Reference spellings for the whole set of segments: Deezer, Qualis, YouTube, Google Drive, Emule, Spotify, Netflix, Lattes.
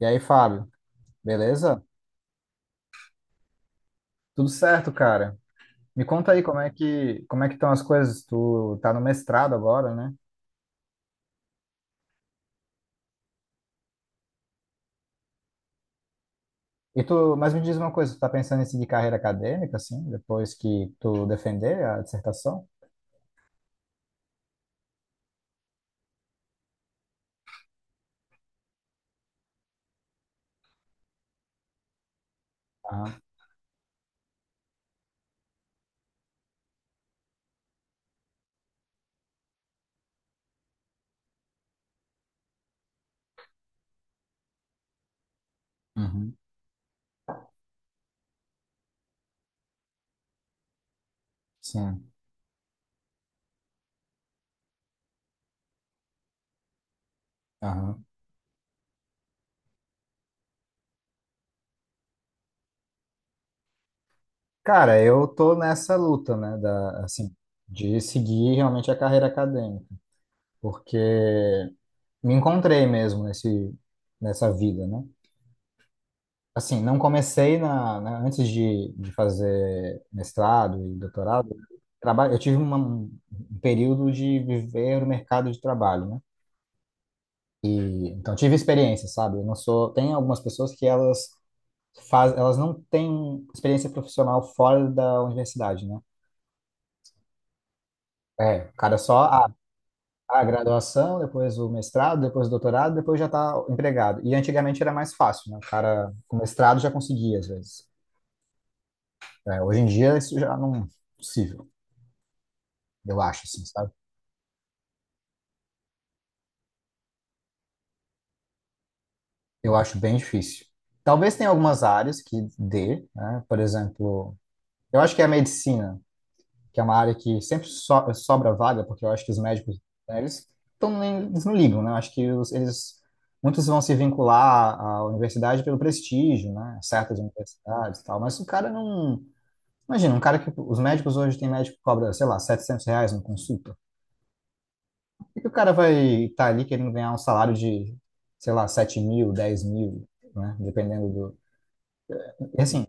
E aí, Fábio, beleza? Tudo certo, cara? Me conta aí como é que estão as coisas? Tu tá no mestrado agora, né? E tu, mas me diz uma coisa, tu tá pensando em seguir carreira acadêmica, assim, depois que tu defender a dissertação? Aham. Uhum. Sim. Aham. Cara, eu tô nessa luta, né, da, assim, de seguir realmente a carreira acadêmica, porque me encontrei mesmo nesse nessa vida, né? Assim, não comecei na, antes de fazer mestrado e doutorado. Trabalho, eu tive um período de viver o mercado de trabalho, né? E, então, tive experiência, sabe? Eu não sou. Tem algumas pessoas que elas faz, elas não têm experiência profissional fora da universidade, né? É, o cara só a graduação, depois o mestrado, depois o doutorado, depois já está empregado. E antigamente era mais fácil, né? O cara com mestrado já conseguia, às vezes. É, hoje em dia isso já não é possível. Eu acho, assim, sabe? Eu acho bem difícil. Talvez tenha algumas áreas que dê, né? Por exemplo, eu acho que a medicina, que é uma área que sempre sobra vaga, porque eu acho que os médicos, né, eles, tão, eles não ligam, né? Eu acho que eles, muitos vão se vincular à universidade pelo prestígio, né? Certas universidades e tal, mas o cara não... Imagina, um cara que... Os médicos hoje, tem médico que cobra, sei lá, R$ 700 uma consulta. Por que o cara vai estar ali querendo ganhar um salário de, sei lá, 7.000, 10.000, né? Dependendo do. E assim,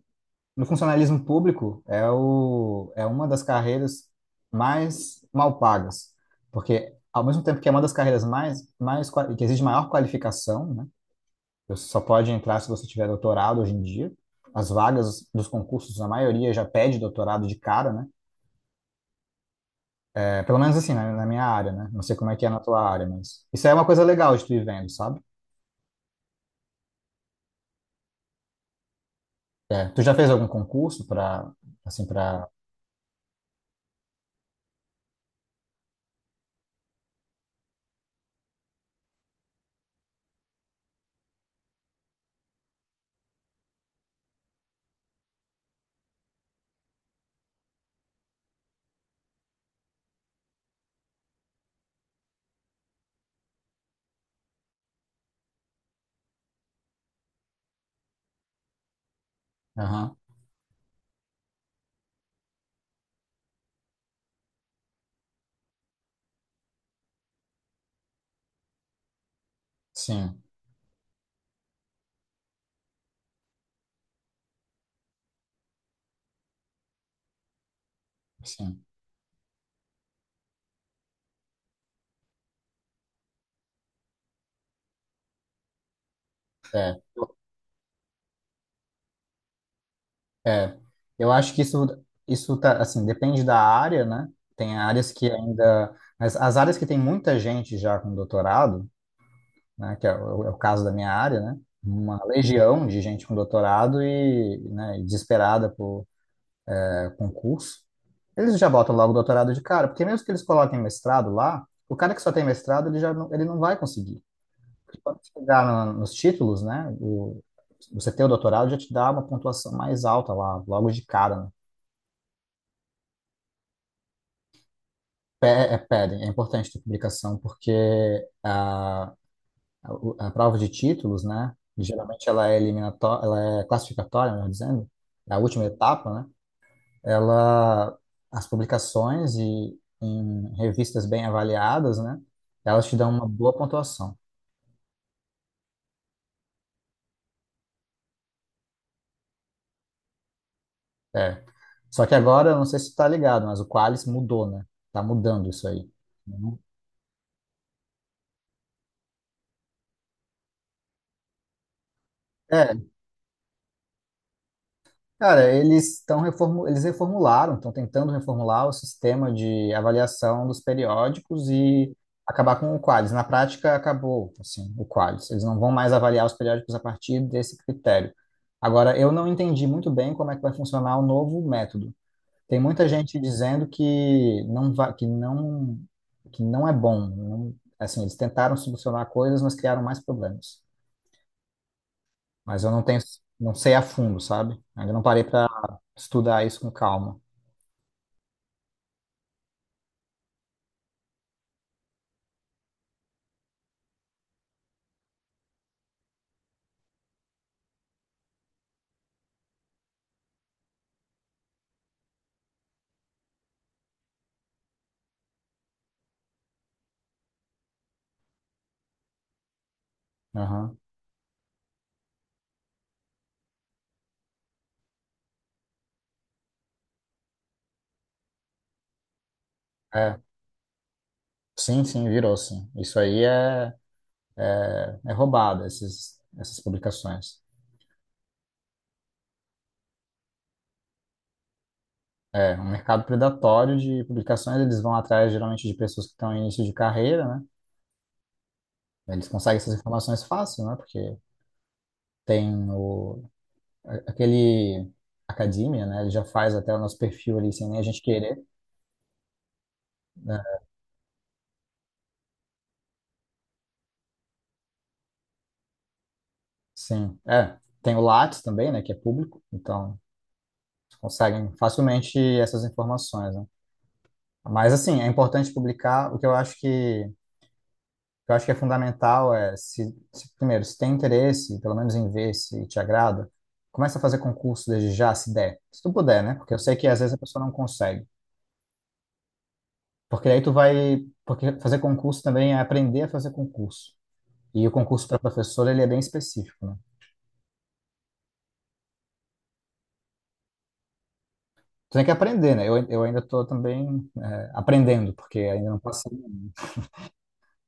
no funcionalismo público é uma das carreiras mais mal pagas, porque ao mesmo tempo que é uma das carreiras mais que exige maior qualificação, né? Você só pode entrar se você tiver doutorado hoje em dia. As vagas dos concursos, a maioria já pede doutorado de cara, né? É, pelo menos assim, na minha área, né? Não sei como é que é na tua área, mas isso é uma coisa legal de tu ir vendo, sabe? É. Tu já fez algum concurso para, assim, para... Aham, sim, sim. É, é. Eu acho que isso tá, assim, depende da área, né? Tem áreas que ainda... As áreas que tem muita gente já com doutorado, né? Que é o caso da minha área, né? Uma legião de gente com doutorado e, né, e desesperada por concurso. Eles já botam logo o doutorado de cara, porque mesmo que eles coloquem mestrado lá, o cara que só tem mestrado, ele já não, ele não vai conseguir. Quando você chegar nos títulos, né? Você ter o doutorado já te dá uma pontuação mais alta lá, logo de cara, né? É, pedem, é importante ter publicação, porque a, a prova de títulos, né? Geralmente ela é eliminatória, ela é classificatória, melhor dizendo, é a última etapa, né? Ela, as publicações e em revistas bem avaliadas, né? Elas te dão uma boa pontuação. É. Só que agora, eu não sei se tu tá ligado, mas o Qualis mudou, né? Tá mudando isso aí. Uhum. É, cara, eles estão eles reformularam, estão tentando reformular o sistema de avaliação dos periódicos e acabar com o Qualis. Na prática, acabou, assim, o Qualis. Eles não vão mais avaliar os periódicos a partir desse critério. Agora, eu não entendi muito bem como é que vai funcionar o novo método. Tem muita gente dizendo que não vai, que não é bom. Assim, eles tentaram solucionar coisas, mas criaram mais problemas. Mas eu não tenho, não sei a fundo, sabe? Ainda não parei para estudar isso com calma. Aham. É. Sim, sim, virou sim. Isso aí é roubado, essas publicações. É, um mercado predatório de publicações, eles vão atrás geralmente de pessoas que estão em início de carreira, né? Eles conseguem essas informações fácil, né? Porque tem aquele academia, né? Ele já faz até o nosso perfil ali sem nem a gente querer, né? Sim, é. Tem o Lattes também, né? Que é público, então eles conseguem facilmente essas informações, né? Mas assim, é importante publicar. O que eu acho que eu acho que é fundamental é se, primeiro se tem interesse, pelo menos em ver se te agrada, começa a fazer concurso desde já, se der, se tu puder, né? Porque eu sei que às vezes a pessoa não consegue, porque aí tu vai, porque fazer concurso também é aprender a fazer concurso. E o concurso para professor, ele é bem específico, né? Tu tem que aprender, né? Eu ainda estou também aprendendo, porque ainda não passei, né?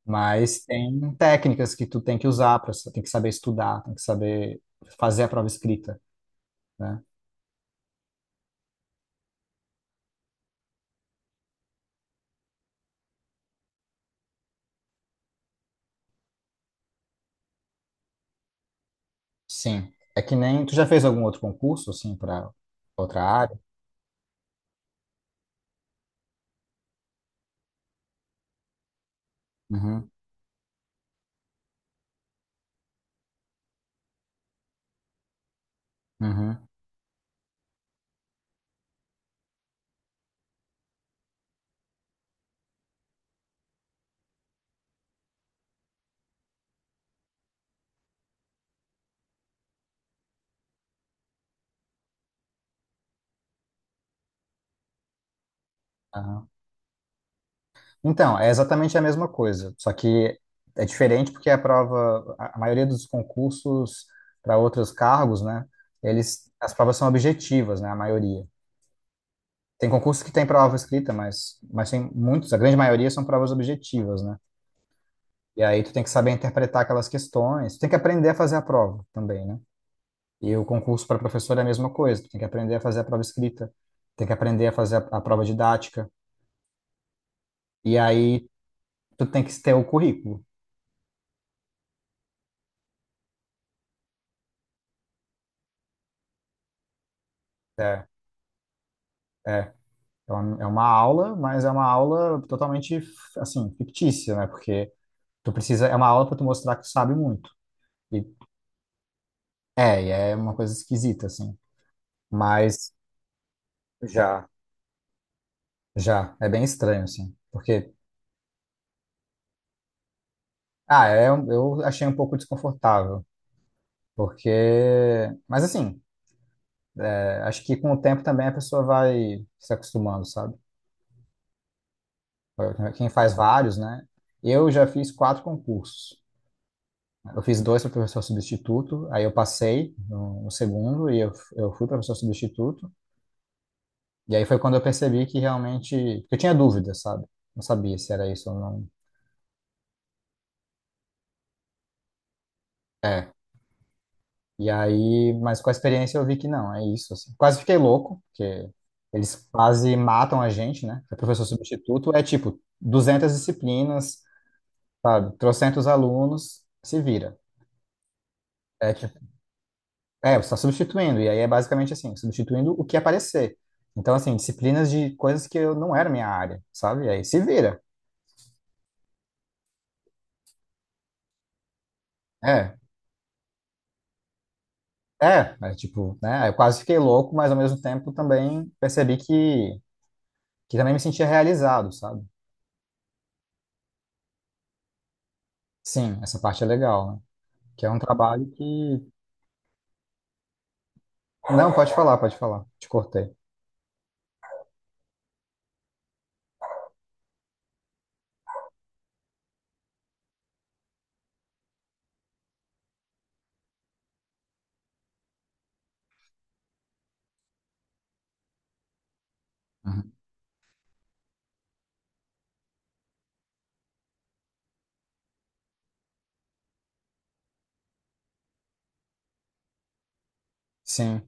Mas tem técnicas que tu tem que usar, pra, tem que saber estudar, tem que saber fazer a prova escrita, né? Sim. É que nem... Tu já fez algum outro concurso, assim, para outra área? Uhum, uhum. Ah. Então, é exatamente a mesma coisa, só que é diferente porque a prova, a maioria dos concursos para outros cargos, né, eles, as provas são objetivas, né, a maioria. Tem concursos que tem prova escrita, mas tem muitos, a grande maioria são provas objetivas, né? E aí tu tem que saber interpretar aquelas questões, tu tem que aprender a fazer a prova também, né? E o concurso para professor é a mesma coisa, tu tem que aprender a fazer a prova escrita, tem que aprender a fazer a prova didática, e aí tu tem que ter o currículo, é. É. É uma aula, mas é uma aula totalmente, assim, fictícia, né? Porque tu precisa, é uma aula para tu mostrar que tu sabe muito. E e é uma coisa esquisita, assim. Mas já, já, é bem estranho, assim. Porque, eu achei um pouco desconfortável. Porque, mas assim, acho que com o tempo também a pessoa vai se acostumando, sabe? Quem faz vários, né? Eu já fiz quatro concursos. Eu fiz dois para professor substituto, aí eu passei no segundo e eu fui professor substituto. E aí foi quando eu percebi que realmente. Porque eu tinha dúvidas, sabe? Não sabia se era isso ou não. É. E aí, mas com a experiência eu vi que não, é isso, assim. Quase fiquei louco, porque eles quase matam a gente, né? O professor substituto é tipo 200 disciplinas, sabe? Trocentos alunos, se vira. É. É, você está substituindo, e aí é basicamente assim, substituindo o que aparecer. Então, assim, disciplinas de coisas que eu não era minha área, sabe? E aí se vira. É, é tipo, né? Eu quase fiquei louco, mas ao mesmo tempo também percebi que também me sentia realizado, sabe? Sim, essa parte é legal, né? Que é um trabalho que. Não, pode falar, pode falar. Te cortei. Uhum. Sim.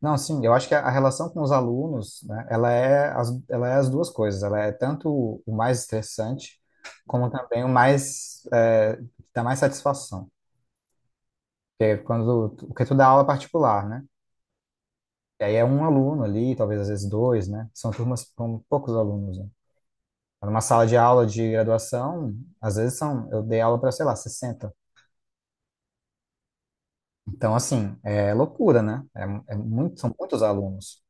Não, sim, eu acho que a relação com os alunos, né, ela é as, duas coisas. Ela é tanto o mais estressante, como também o mais, que dá mais satisfação. Porque é quando, porque tu dá aula particular, né? E aí é um aluno ali, talvez às vezes dois, né? São turmas com poucos alunos, né? Numa sala de aula de graduação, às vezes são, eu dei aula para, sei lá, 60. Então, assim, é loucura, né? É muito, são muitos alunos.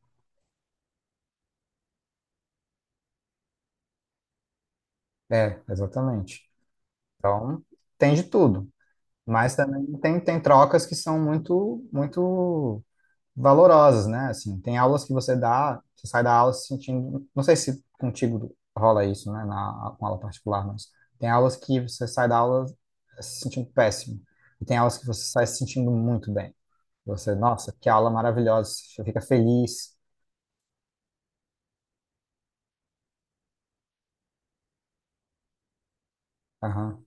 É, exatamente. Então, tem de tudo. Mas também tem trocas que são muito, muito valorosas, né? Assim, tem aulas que você dá, você sai da aula se sentindo. Não sei se contigo rola isso, né? Com aula particular, mas tem aulas que você sai da aula se sentindo péssimo. E tem aulas que você sai se sentindo muito bem. Você, nossa, que aula maravilhosa, você fica feliz. Aham.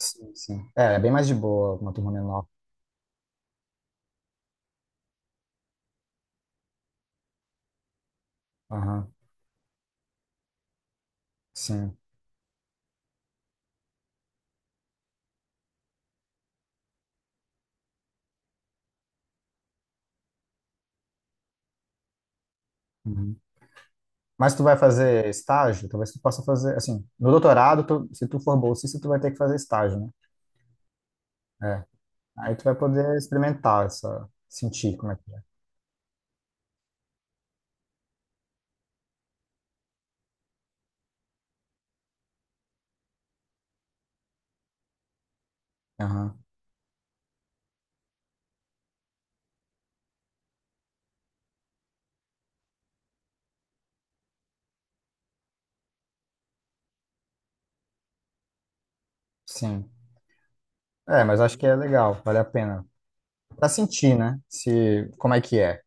Sim, sim. É bem mais de boa uma turma menor. Aham. Sim. Uhum. Mas tu vai fazer estágio? Talvez tu possa fazer, assim, no doutorado, se tu for bolsista, tu vai ter que fazer estágio, né? É. Aí tu vai poder experimentar essa, sentir como é que é. Aham, sim. É, mas acho que é legal, vale a pena. Pra sentir, né? Se, Como é que é.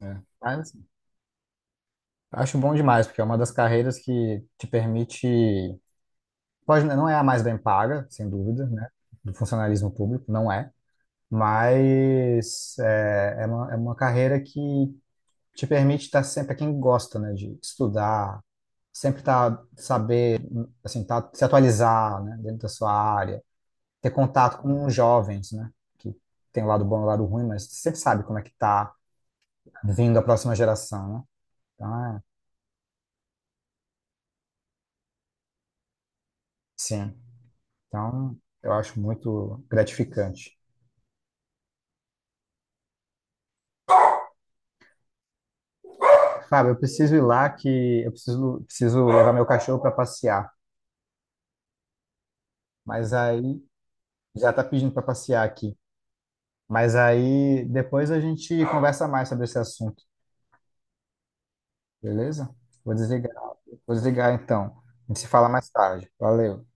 É. Mas assim, acho bom demais, porque é uma das carreiras que te permite, pode, não é a mais bem paga, sem dúvida, né? Do funcionalismo público, não é. Mas é uma carreira que te permite estar sempre, para quem gosta, né, de estudar, sempre tá, saber, assim, tá, se atualizar, né, dentro da sua área, ter contato com jovens, né, que tem o lado bom e o lado ruim, mas sempre sabe como é que tá vindo a próxima geração, né? Então, sim. Então, eu acho muito gratificante. Fábio, eu preciso ir lá que eu preciso levar meu cachorro para passear, mas aí já tá pedindo para passear aqui. Mas aí depois a gente conversa mais sobre esse assunto. Beleza? Vou desligar, vou desligar então. A gente se fala mais tarde. Valeu.